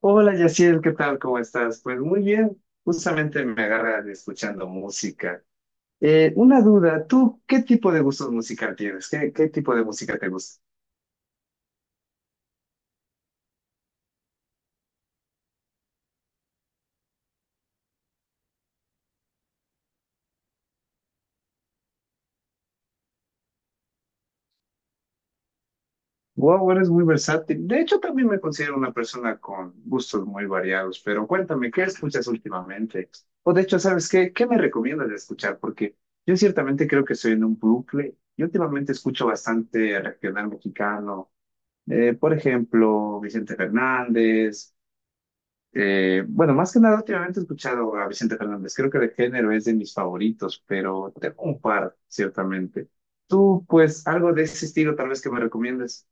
Hola Yaciel, ¿qué tal? ¿Cómo estás? Pues muy bien, justamente me agarran escuchando música. Una duda, ¿tú qué tipo de gustos musical tienes? ¿Qué tipo de música te gusta? Wow, eres muy versátil. De hecho, también me considero una persona con gustos muy variados, pero cuéntame, ¿qué escuchas últimamente? O de hecho, ¿sabes qué? ¿Qué me recomiendas de escuchar? Porque yo ciertamente creo que estoy en un bucle y últimamente escucho bastante regional mexicano. Por ejemplo, Vicente Fernández. Bueno, más que nada, últimamente he escuchado a Vicente Fernández. Creo que de género es de mis favoritos, pero tengo un par, ciertamente. Tú, pues, algo de ese estilo tal vez que me recomiendes.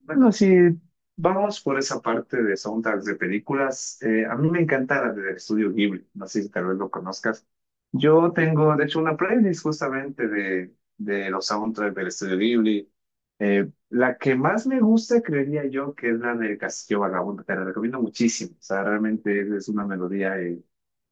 Bueno, si vamos por esa parte de soundtracks de películas, a mí me encanta la del estudio Ghibli, no sé si tal vez lo conozcas. Yo tengo, de hecho, una playlist justamente de los soundtracks del estudio Ghibli. La que más me gusta, creería yo, que es la del Castillo Vagabundo, te la recomiendo muchísimo. O sea, realmente es una melodía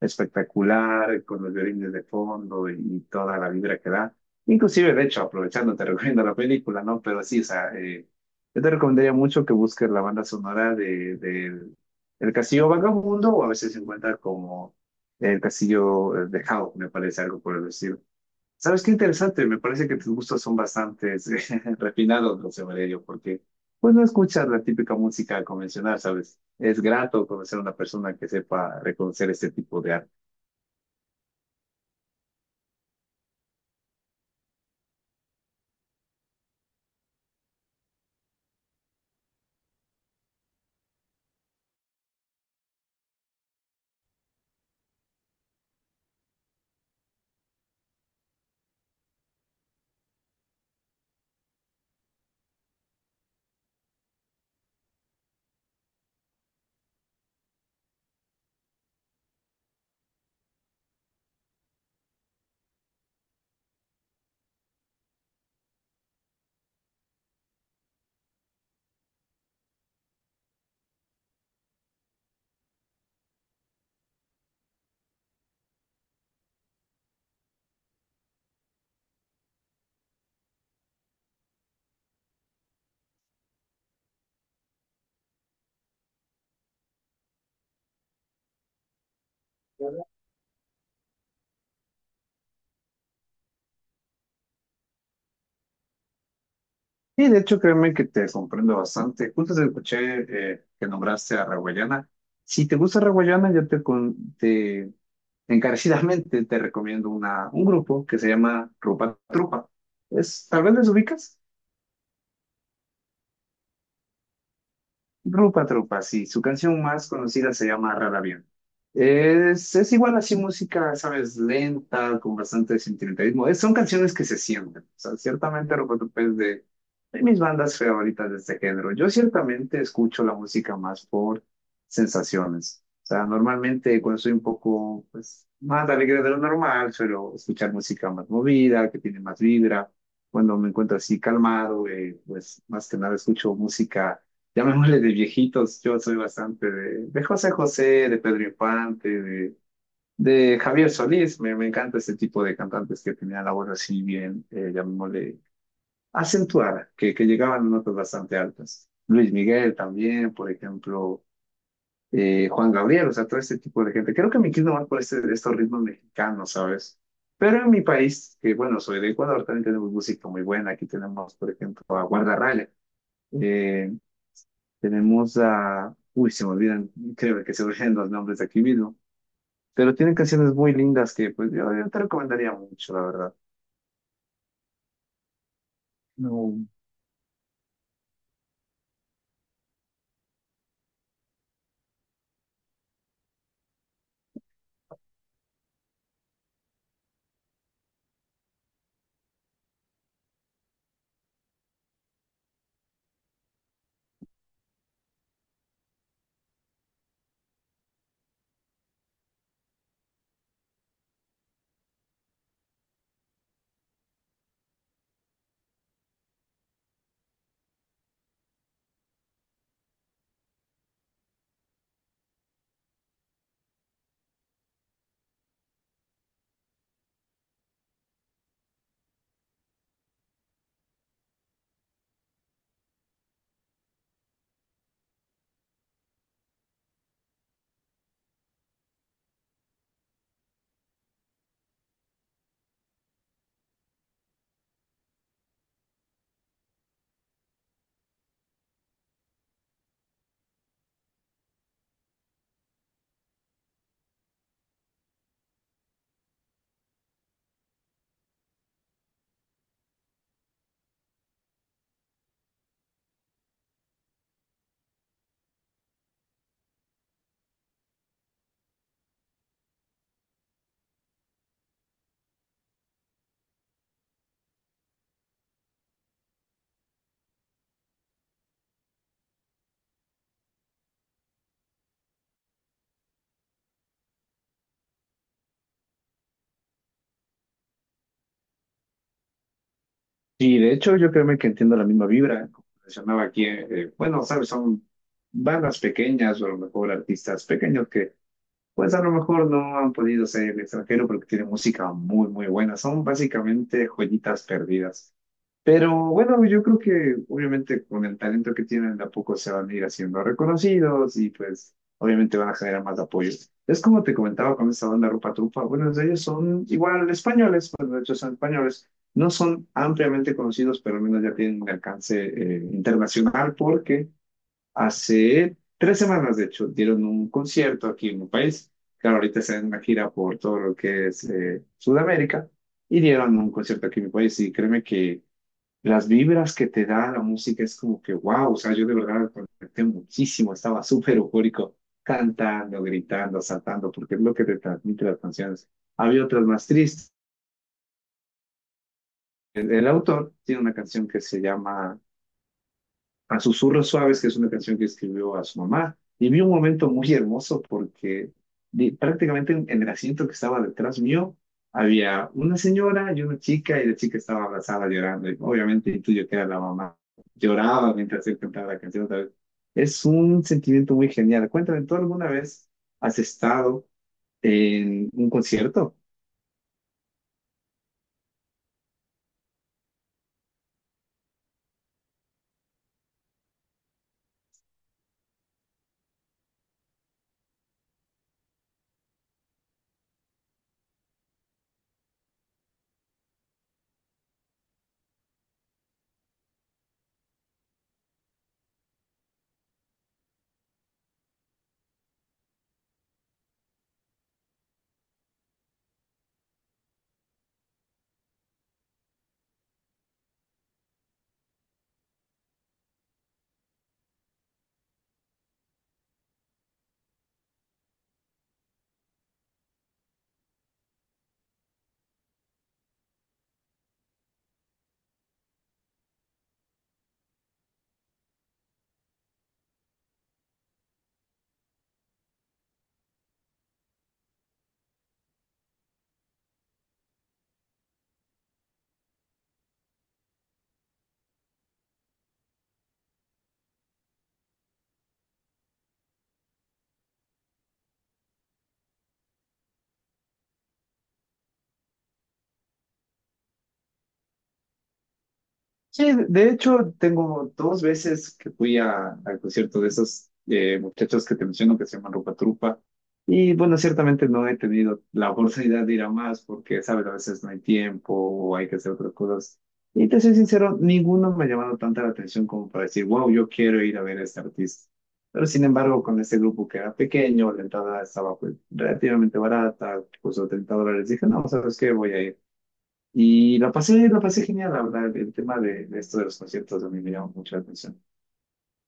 espectacular, con los violines de fondo y toda la vibra que da. Inclusive, de hecho, aprovechando, te recomiendo la película, ¿no? Pero sí, o sea... yo te recomendaría mucho que busques la banda sonora de, del El Castillo Vagabundo o a veces se encuentra como El Castillo de Howl, me parece algo por el estilo. ¿Sabes qué interesante? Me parece que tus gustos son bastante refinados, José Valerio, porque pues no escuchas la típica música convencional, ¿sabes? Es grato conocer a una persona que sepa reconocer este tipo de arte. Y de hecho, créeme que te comprendo bastante. Justo te escuché que nombraste a Raguayana. Si te gusta Raguayana, yo te, con- te encarecidamente te recomiendo un grupo que se llama Rupa Trupa. Es, tal vez les ubicas. Rupa Trupa, sí, su canción más conocida se llama Rara Avión. Es igual así música, sabes, lenta, con bastante sentimentalismo. Son canciones que se sienten. O sea, ciertamente Rupa Trupa es de mis bandas favoritas de este género. Yo ciertamente escucho la música más por sensaciones. O sea, normalmente cuando soy un poco pues, más alegre de lo normal, suelo escuchar música más movida, que tiene más vibra. Cuando me encuentro así calmado, pues más que nada escucho música llamémosle de viejitos, yo soy bastante de José José, de Pedro Infante, de Javier Solís, me encanta este tipo de cantantes que tenían la voz así bien, llamémosle acentuada, que llegaban a notas bastante altas. Luis Miguel también, por ejemplo, Juan Gabriel, o sea, todo este tipo de gente. Creo que me quiero más por estos ritmos mexicanos, ¿sabes? Pero en mi país, que bueno, soy de Ecuador, también tenemos música muy buena. Aquí tenemos, por ejemplo, a Guardarraya. Tenemos a... Uy, se me olvidan, creo que se me olvidan los nombres de aquí mismo. Pero tienen canciones muy lindas que pues yo te recomendaría mucho, la verdad. No. Y de hecho yo creo que entiendo la misma vibra. Como mencionaba aquí, bueno, sabes, son bandas pequeñas o a lo mejor artistas pequeños que pues a lo mejor no han podido ser extranjero porque tienen música muy, muy buena. Son básicamente joyitas perdidas. Pero bueno, yo creo que obviamente con el talento que tienen de a poco se van a ir haciendo reconocidos y pues obviamente van a generar más apoyo. Es como te comentaba con esta banda Rupa Trupa, bueno, de ellos son igual españoles, pues de hecho son españoles, no son ampliamente conocidos, pero al menos ya tienen un alcance internacional porque hace 3 semanas de hecho dieron un concierto aquí en mi país, claro, ahorita están en una gira por todo lo que es Sudamérica y dieron un concierto aquí en mi país y créeme que... Las vibras que te da la música es como que, wow, o sea, yo de verdad me conecté muchísimo, estaba súper eufórico, cantando, gritando, saltando, porque es lo que te transmite las canciones. Había otras más tristes. El autor tiene una canción que se llama A Susurros Suaves, que es una canción que escribió a su mamá. Y vi un momento muy hermoso porque prácticamente en el asiento que estaba detrás mío había una señora y una chica y la chica estaba abrazada llorando. Y obviamente intuyo que era la mamá. Lloraba mientras él cantaba la canción otra vez. Es un sentimiento muy genial. Cuéntame, ¿tú alguna vez has estado en un concierto? Sí, de hecho, tengo dos veces que fui al concierto de esos muchachos que te menciono que se llaman Rupa Trupa. Y bueno, ciertamente no he tenido la oportunidad de ir a más porque, sabes, a veces no hay tiempo o hay que hacer otras cosas. Y te soy sincero, ninguno me ha llamado tanta la atención como para decir, wow, yo quiero ir a ver a este artista. Pero sin embargo, con este grupo que era pequeño, la entrada estaba pues, relativamente barata, costó $30, dije, no, ¿sabes qué? Voy a ir. Y la pasé genial, la verdad. El tema de esto de los conciertos a mí me llamó mucho la atención.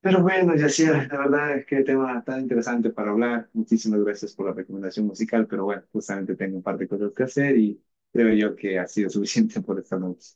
Pero bueno, Yacira, la verdad es que tema tan interesante para hablar. Muchísimas gracias por la recomendación musical, pero bueno, justamente tengo un par de cosas que hacer y creo yo que ha sido suficiente por esta noche.